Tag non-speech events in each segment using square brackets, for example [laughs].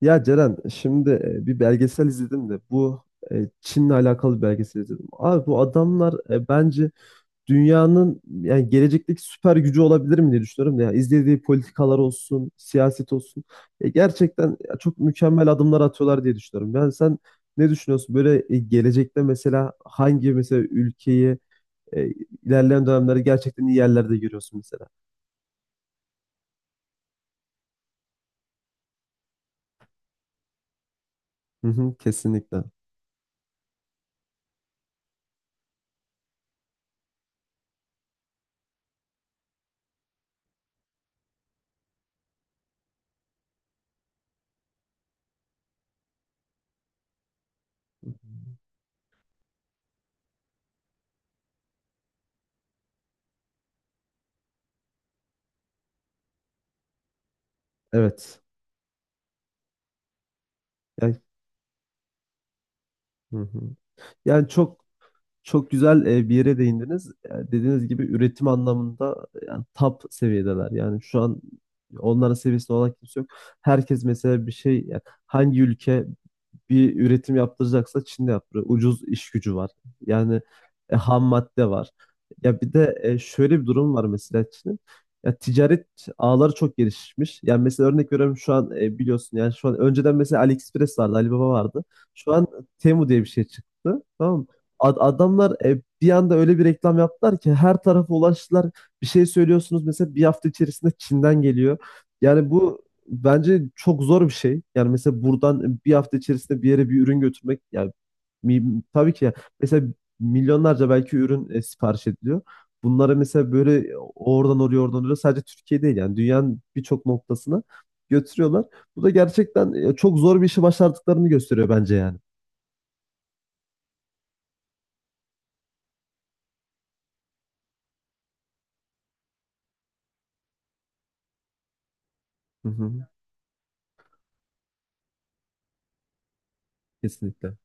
Ya Ceren, şimdi bir belgesel izledim de bu Çin'le alakalı bir belgesel izledim. Abi bu adamlar bence dünyanın yani gelecekteki süper gücü olabilir mi diye düşünüyorum. Ya izlediği politikalar olsun, siyaset olsun. Gerçekten ya, çok mükemmel adımlar atıyorlar diye düşünüyorum. Yani sen ne düşünüyorsun? Böyle gelecekte mesela hangi mesela ülkeyi e, ilerleyen dönemlerde gerçekten iyi yerlerde görüyorsun mesela? Hı hı, kesinlikle. Evet. Yani, hı hı. Yani çok güzel bir yere değindiniz. Dediğiniz gibi üretim anlamında yani top seviyedeler. Yani şu an onların seviyesinde olan kimse yok. Herkes mesela bir şey yani hangi ülke bir üretim yaptıracaksa Çin'de yaptırıyor. Ucuz iş gücü var. Yani ham madde var. Ya bir de şöyle bir durum var mesela Çin'in. Ya ticaret ağları çok gelişmiş. Yani mesela örnek veriyorum şu an biliyorsun yani şu an önceden mesela AliExpress vardı, Alibaba vardı. Şu an Temu diye bir şey çıktı. Tamam mı? Adamlar bir anda öyle bir reklam yaptılar ki her tarafa ulaştılar. Bir şey söylüyorsunuz mesela bir hafta içerisinde Çin'den geliyor. Yani bu Bence çok zor bir şey. Yani mesela buradan bir hafta içerisinde bir yere bir ürün götürmek yani tabii ki ya. Mesela milyonlarca belki ürün sipariş ediliyor. Bunlara mesela böyle oradan oraya oradan oraya sadece Türkiye değil yani dünyanın birçok noktasına götürüyorlar. Bu da gerçekten çok zor bir işi başardıklarını gösteriyor bence yani. Hı hı, kesinlikle.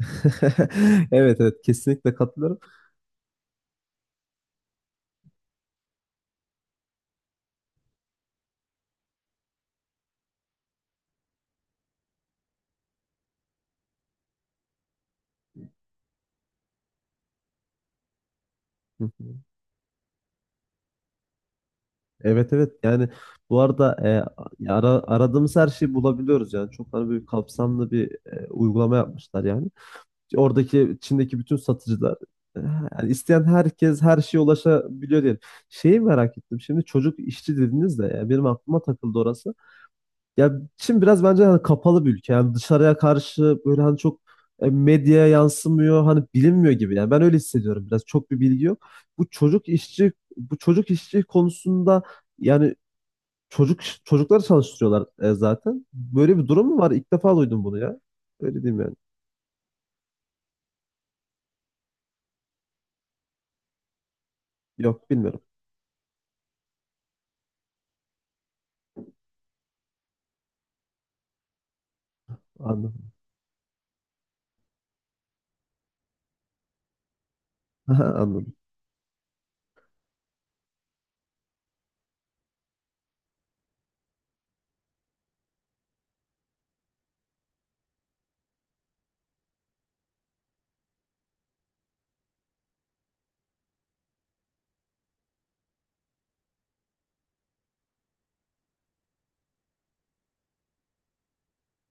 [laughs] Evet evet, kesinlikle katılıyorum. Hı hı. Evet evet, yani bu arada aradığımız her şeyi bulabiliyoruz yani çok hani böyle kapsamlı bir uygulama yapmışlar yani. Oradaki Çin'deki bütün satıcılar, e, yani isteyen herkes her şeye ulaşabiliyor diyelim. Şeyi merak ettim. Şimdi çocuk işçi dediniz de ya benim aklıma takıldı orası. Ya Çin biraz bence hani kapalı bir ülke. Yani dışarıya karşı böyle hani çok medyaya yansımıyor. Hani bilinmiyor gibi. Yani ben öyle hissediyorum biraz. Çok bir bilgi yok. Bu çocuk işçi konusunda yani çocukları çalıştırıyorlar zaten. Böyle bir durum mu var? İlk defa duydum bunu ya. Öyle diyeyim yani. Yok, bilmiyorum. Anladım. [laughs] Aha, anladım.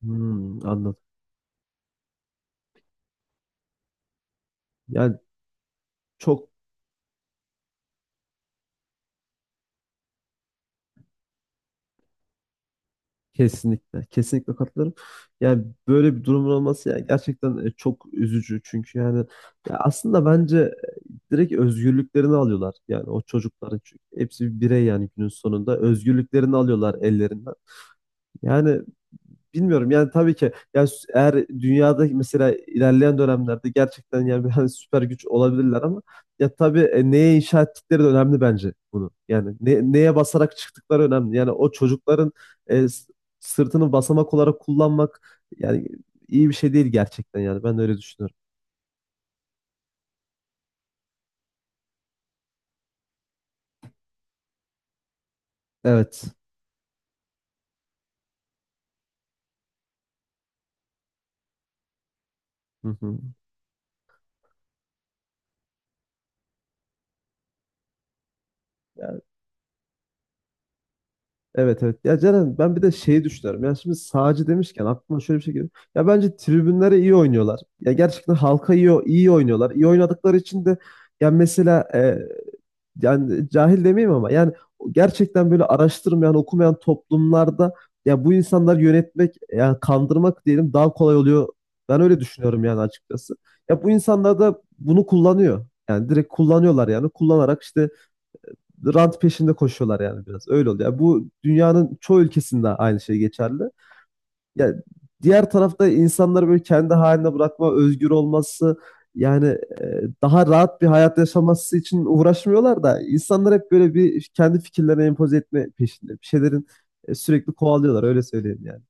Hmm, anladım. Yani çok Kesinlikle, kesinlikle katılıyorum. Yani böyle bir durumun olması yani gerçekten çok üzücü. Çünkü yani ya aslında bence direkt özgürlüklerini alıyorlar. Yani o çocukların, çünkü hepsi bir birey yani günün sonunda özgürlüklerini alıyorlar ellerinden. Yani bilmiyorum yani tabii ki yani eğer dünyada mesela ilerleyen dönemlerde gerçekten yani [laughs] bir hani süper güç olabilirler ama ya tabii neye inşa ettikleri de önemli bence bunu. Yani neye basarak çıktıkları önemli. Yani o çocukların e, s- sırtını basamak olarak kullanmak yani iyi bir şey değil gerçekten, yani ben de öyle düşünüyorum. Evet. Hı hı. Evet evet. Ya Ceren, ben bir de şeyi düşünüyorum. Yani şimdi sağcı demişken aklıma şöyle bir şey geliyor. Ya bence tribünlere iyi oynuyorlar. Ya gerçekten halka iyi, iyi oynuyorlar. İyi oynadıkları için de ya mesela yani cahil demeyeyim ama yani gerçekten böyle araştırmayan, okumayan toplumlarda ya bu insanları yönetmek, yani kandırmak diyelim, daha kolay oluyor. Ben öyle düşünüyorum yani açıkçası. Ya bu insanlar da bunu kullanıyor. Yani direkt kullanıyorlar, yani kullanarak işte rant peşinde koşuyorlar yani biraz. Öyle oluyor. Yani bu dünyanın çoğu ülkesinde aynı şey geçerli. Yani diğer tarafta insanları böyle kendi haline bırakma, özgür olması yani daha rahat bir hayat yaşaması için uğraşmıyorlar da insanlar hep böyle bir kendi fikirlerini empoze etme peşinde. Bir şeylerin sürekli kovalıyorlar öyle söyleyeyim yani.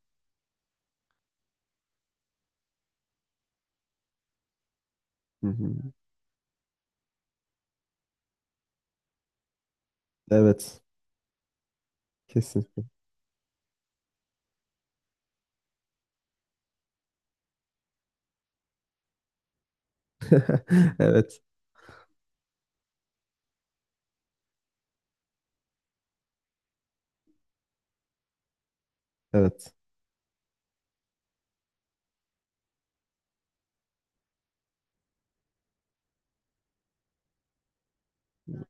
Hı hı. Evet. Kesinlikle. [laughs] Evet. Evet.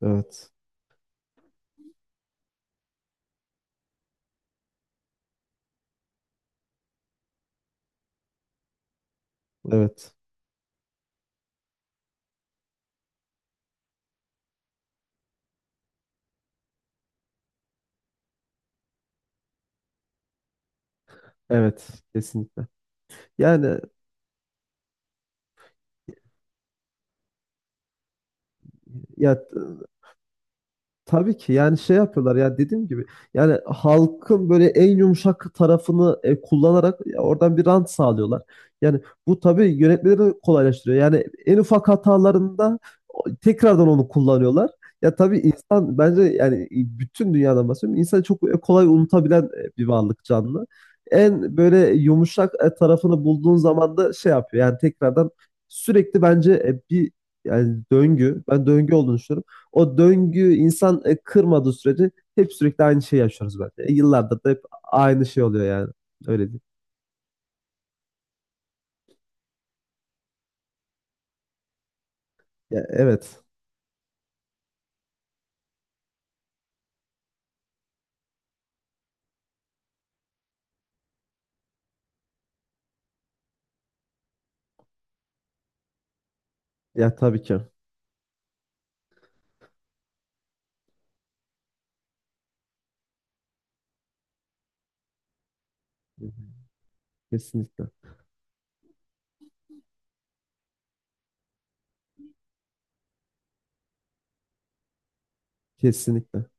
Evet. Evet. Evet. Kesinlikle. Yani ya Tabii ki yani şey yapıyorlar ya, dediğim gibi yani halkın böyle en yumuşak tarafını kullanarak ya oradan bir rant sağlıyorlar. Yani bu tabii yönetmeleri kolaylaştırıyor. Yani en ufak hatalarında tekrardan onu kullanıyorlar. Ya tabii insan bence yani bütün dünyadan bahsediyorum. İnsan çok kolay unutabilen bir varlık, canlı. En böyle yumuşak tarafını bulduğun zaman da şey yapıyor. Yani tekrardan sürekli bence bir yani döngü. Ben döngü olduğunu düşünüyorum. O döngü insan kırmadığı sürece hep sürekli aynı şeyi yaşıyoruz bence. E, yıllardır da hep aynı şey oluyor yani. Öyle değil. Ya, evet. Ya tabii ki. Kesinlikle. Kesinlikle.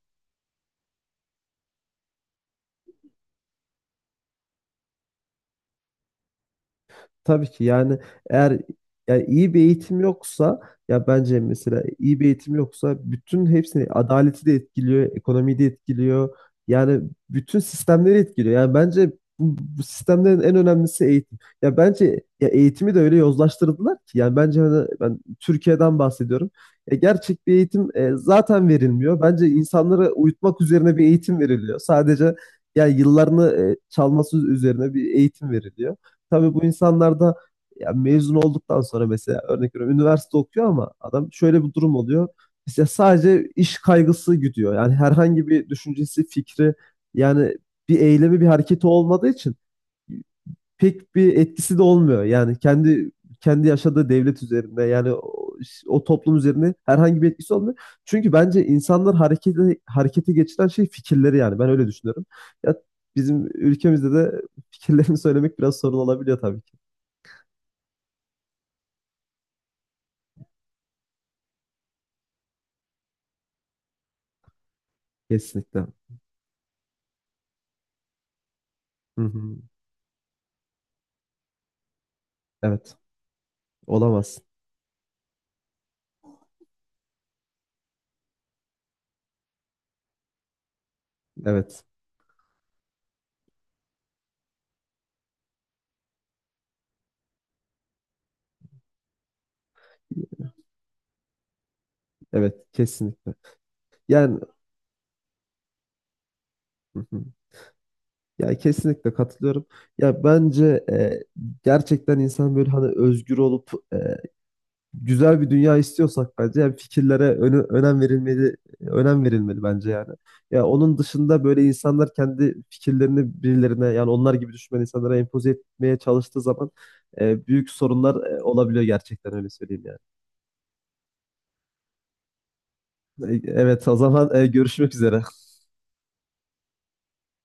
Tabii ki yani eğer yani iyi bir eğitim yoksa, ya bence mesela iyi bir eğitim yoksa bütün hepsini, adaleti de etkiliyor, ekonomiyi de etkiliyor. Yani bütün sistemleri etkiliyor. Yani bence bu sistemlerin en önemlisi eğitim. Ya bence ya eğitimi de öyle yozlaştırdılar ki yani bence hani ben Türkiye'den bahsediyorum. E, gerçek bir eğitim zaten verilmiyor. Bence insanlara uyutmak üzerine bir eğitim veriliyor. Sadece yani yıllarını çalması üzerine bir eğitim veriliyor, tabii bu insanlar da ya mezun olduktan sonra mesela örnek veriyorum üniversite okuyor ama adam şöyle bir durum oluyor. İşte sadece iş kaygısı gidiyor. Yani herhangi bir düşüncesi, fikri yani bir eylemi, bir hareketi olmadığı için pek bir etkisi de olmuyor. Yani kendi yaşadığı devlet üzerinde yani o toplum üzerinde herhangi bir etkisi olmuyor. Çünkü bence insanlar harekete geçiren şey fikirleri, yani ben öyle düşünüyorum. Ya bizim ülkemizde de fikirlerini [laughs] söylemek biraz sorun olabiliyor tabii. Kesinlikle. Hı hı. Evet. Olamaz. Evet. Evet. Kesinlikle. Yani hı hı. Ya kesinlikle katılıyorum. Ya bence gerçekten insan böyle hani özgür olup güzel bir dünya istiyorsak bence yani fikirlere önem verilmeli, önem verilmeli bence yani. Ya onun dışında böyle insanlar kendi fikirlerini birilerine yani onlar gibi düşünmeyen insanlara empoze etmeye çalıştığı zaman büyük sorunlar olabiliyor gerçekten, öyle söyleyeyim yani. Evet, o zaman görüşmek üzere.